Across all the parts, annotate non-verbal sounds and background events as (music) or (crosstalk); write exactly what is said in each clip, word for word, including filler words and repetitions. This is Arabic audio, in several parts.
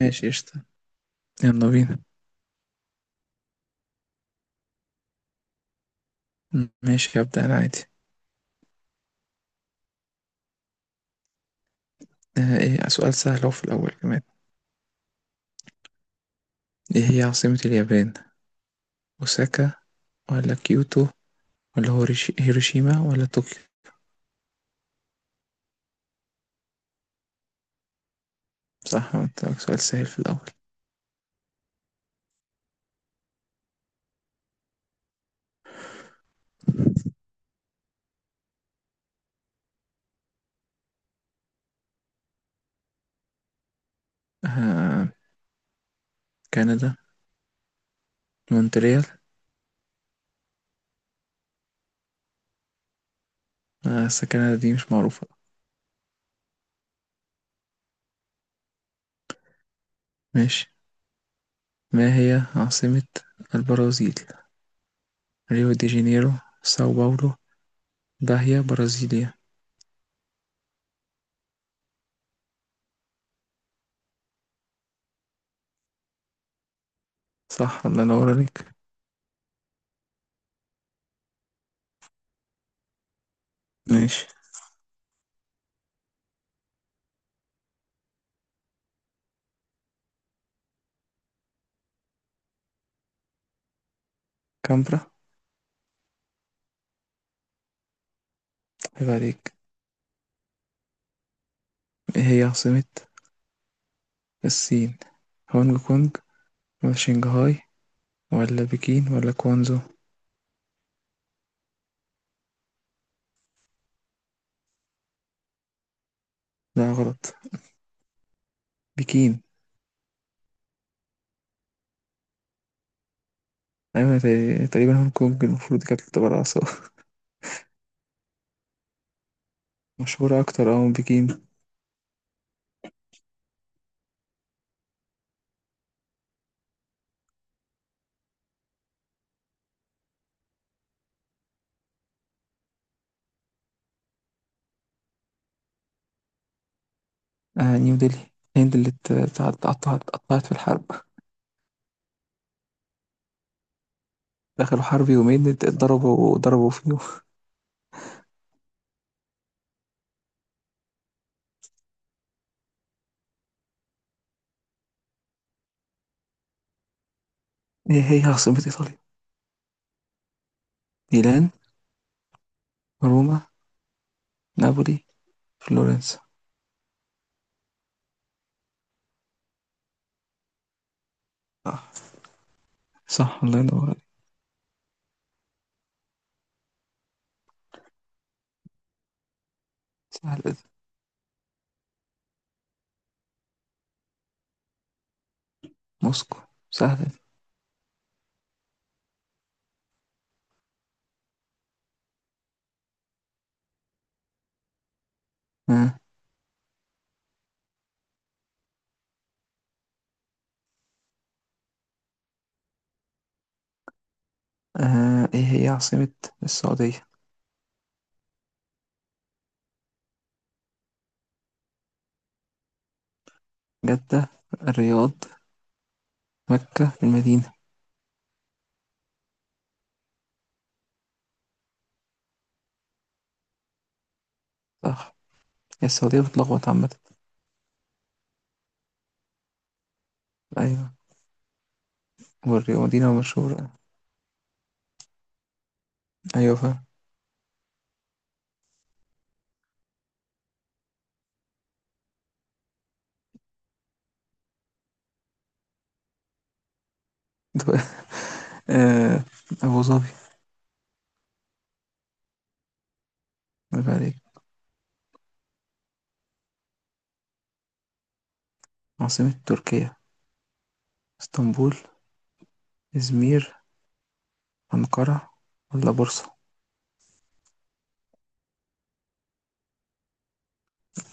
ماشي، قشطة. يلا بينا. م- ماشي، هبدأ أنا عادي. آه، إيه، سؤال سهل أهو في الأول كمان. إيه هي عاصمة اليابان؟ أوساكا ولا كيوتو ولا هوريش- هيروشيما ولا طوكيو؟ صح، قلت لك سؤال سهل في الأول. آه، كندا. مونتريال. آه بس كندا دي مش معروفة. ماشي، ما هي عاصمة البرازيل؟ ريو دي جانيرو، ساو باولو، باهيا، برازيليا. صح، الله ينور عليك. ماشي. كامبرا. عيب عليك. إيه هي عاصمة الصين؟ هونج كونج ولا شنغهاي ولا بكين ولا كوانزو؟ لا، غلط. بكين. أيوة، تق- تقريبا هونج كونج المفروض كانت تبقى رئيسة. (laughs) مشهورة أكتر أه من بكين. آه، نيو دلهي. الهند اللي ات- اتقطعت اتقطعت في الحرب. دخلوا حرب يومين، ات- اتضربوا، ضربوا فيهم. (laughs) هي هي عاصمة إيطاليا؟ ميلان، روما، نابولي، فلورنسا. صح. صح، الله ينور عليك. سهل ده. موسكو. سهل ده. آه. آه. إيه هي عاصمة السعودية؟ جدة، الرياض، مكة، المدينة. صح. هي السعودية بتلخبط عامة. أيوة. والرياض مدينة مشهورة. أيوة، فاهم. دو- آه، أبو ظبي. برافو عليك. عاصمة تركيا؟ اسطنبول، إزمير، أنقرة، ولا بورصة؟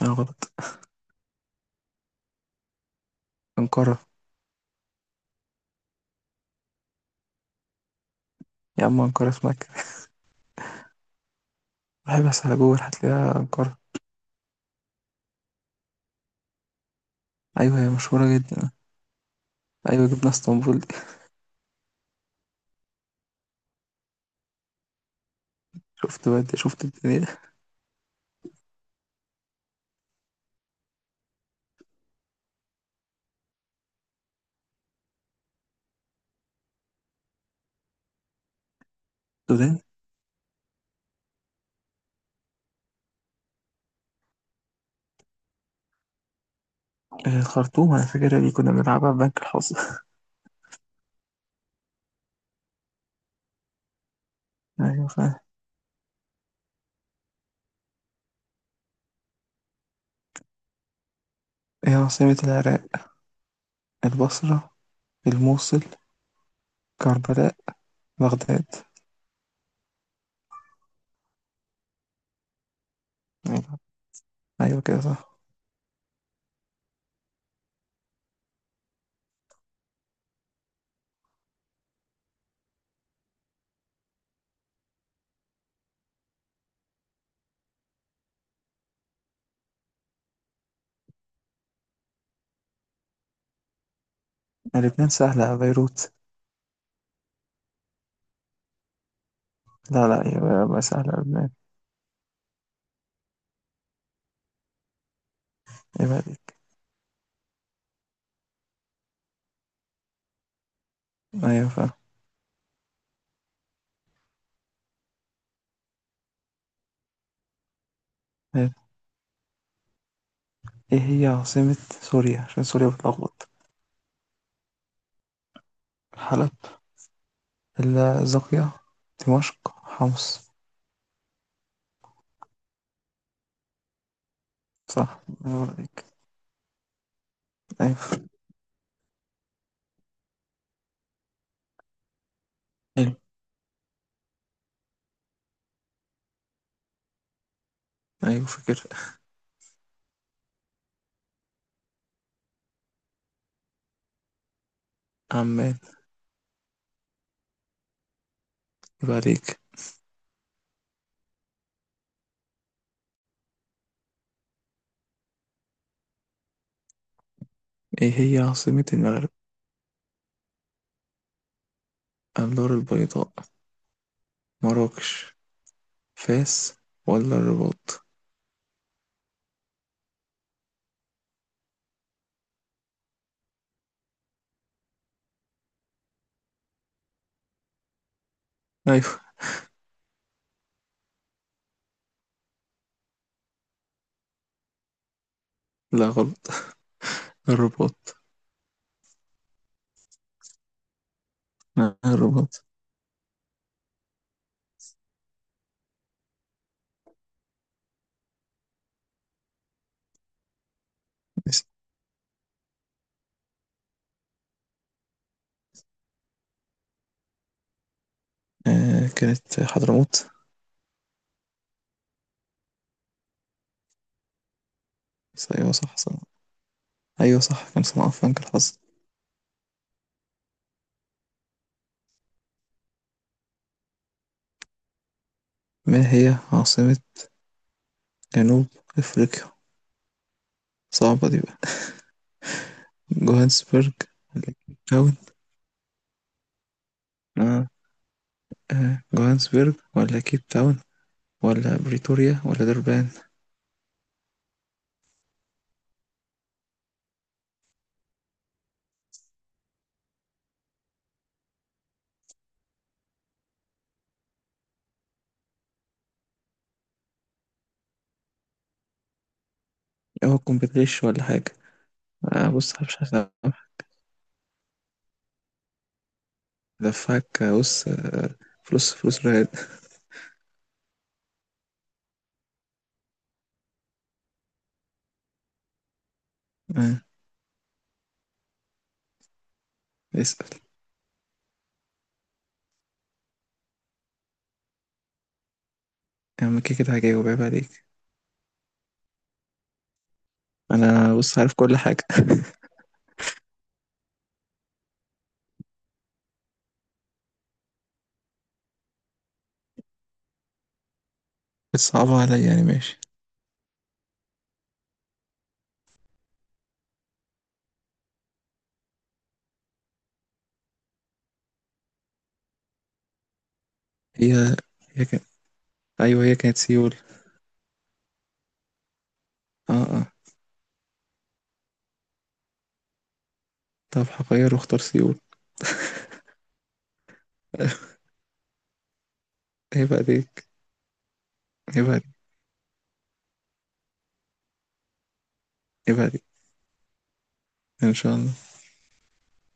أنا غلط. أنقرة. يا عم، أنقرة في مكة. بحب أسأل جوجل، هتلاقيها أنقرة. أيوة، هي مشهورة جدا. أيوة، جبنا اسطنبول دي. (laughs) شفت بقى أنت، شفت الدنيا. السودان. آه، الخرطوم. أنا فاكر اللي كنا بنلعبها في بنك الحظ. (laughs) أيوة فاهم. إيه عاصمة العراق؟ البصرة، الموصل، كربلاء، بغداد. أيوة. أيوة كده صح. لبنان سهلة، بيروت. لا لا، يبقى يبقى سهلة لبنان. يبقى عليك. أيوة فاهم. أيوة. إيه هي عاصمة سوريا؟ عشان سوريا بتلخبط. حلب، الزاقية، دمشق، حمص. صح، يبقى عليك. أيوة. حلو. أيوة، فكر. عمان. يبقى عليك. إيه هي عاصمة المغرب؟ الدار البيضاء، مراكش، فاس، ولا الرباط؟ أيوة. لا، غلط. الرباط. آه، الرباط. آه، كانت حضرموت. بس أيوة، صح، صح. أيوة صح، كان اسمها فرانك الحظ. ما هي عاصمة جنوب أفريقيا؟ صعبة دي بقى. جوهانسبرج ولا كيب تاون؟ آه. آه. جوهانسبرج ولا كيب تاون، ولا بريتوريا، ولا دربان؟ هو تكون بتغش ولا حاجة؟ آه، بص، مش هسامحك. دفعك. آه، بص، فلوس فلوس رهاد. آه. اسأل. يا عم، كده كده هجاوب، عيب عليك. أنا بص عارف كل حاجة. (laughs) بتصعبها عليا يعني، ماشي. هي هي كانت. أيوه، هي كانت سيول. اه اه. طب هغير واختار سيول. (laughs) عيب عليك. عيب عليك. عيب عليك. ان شاء الله.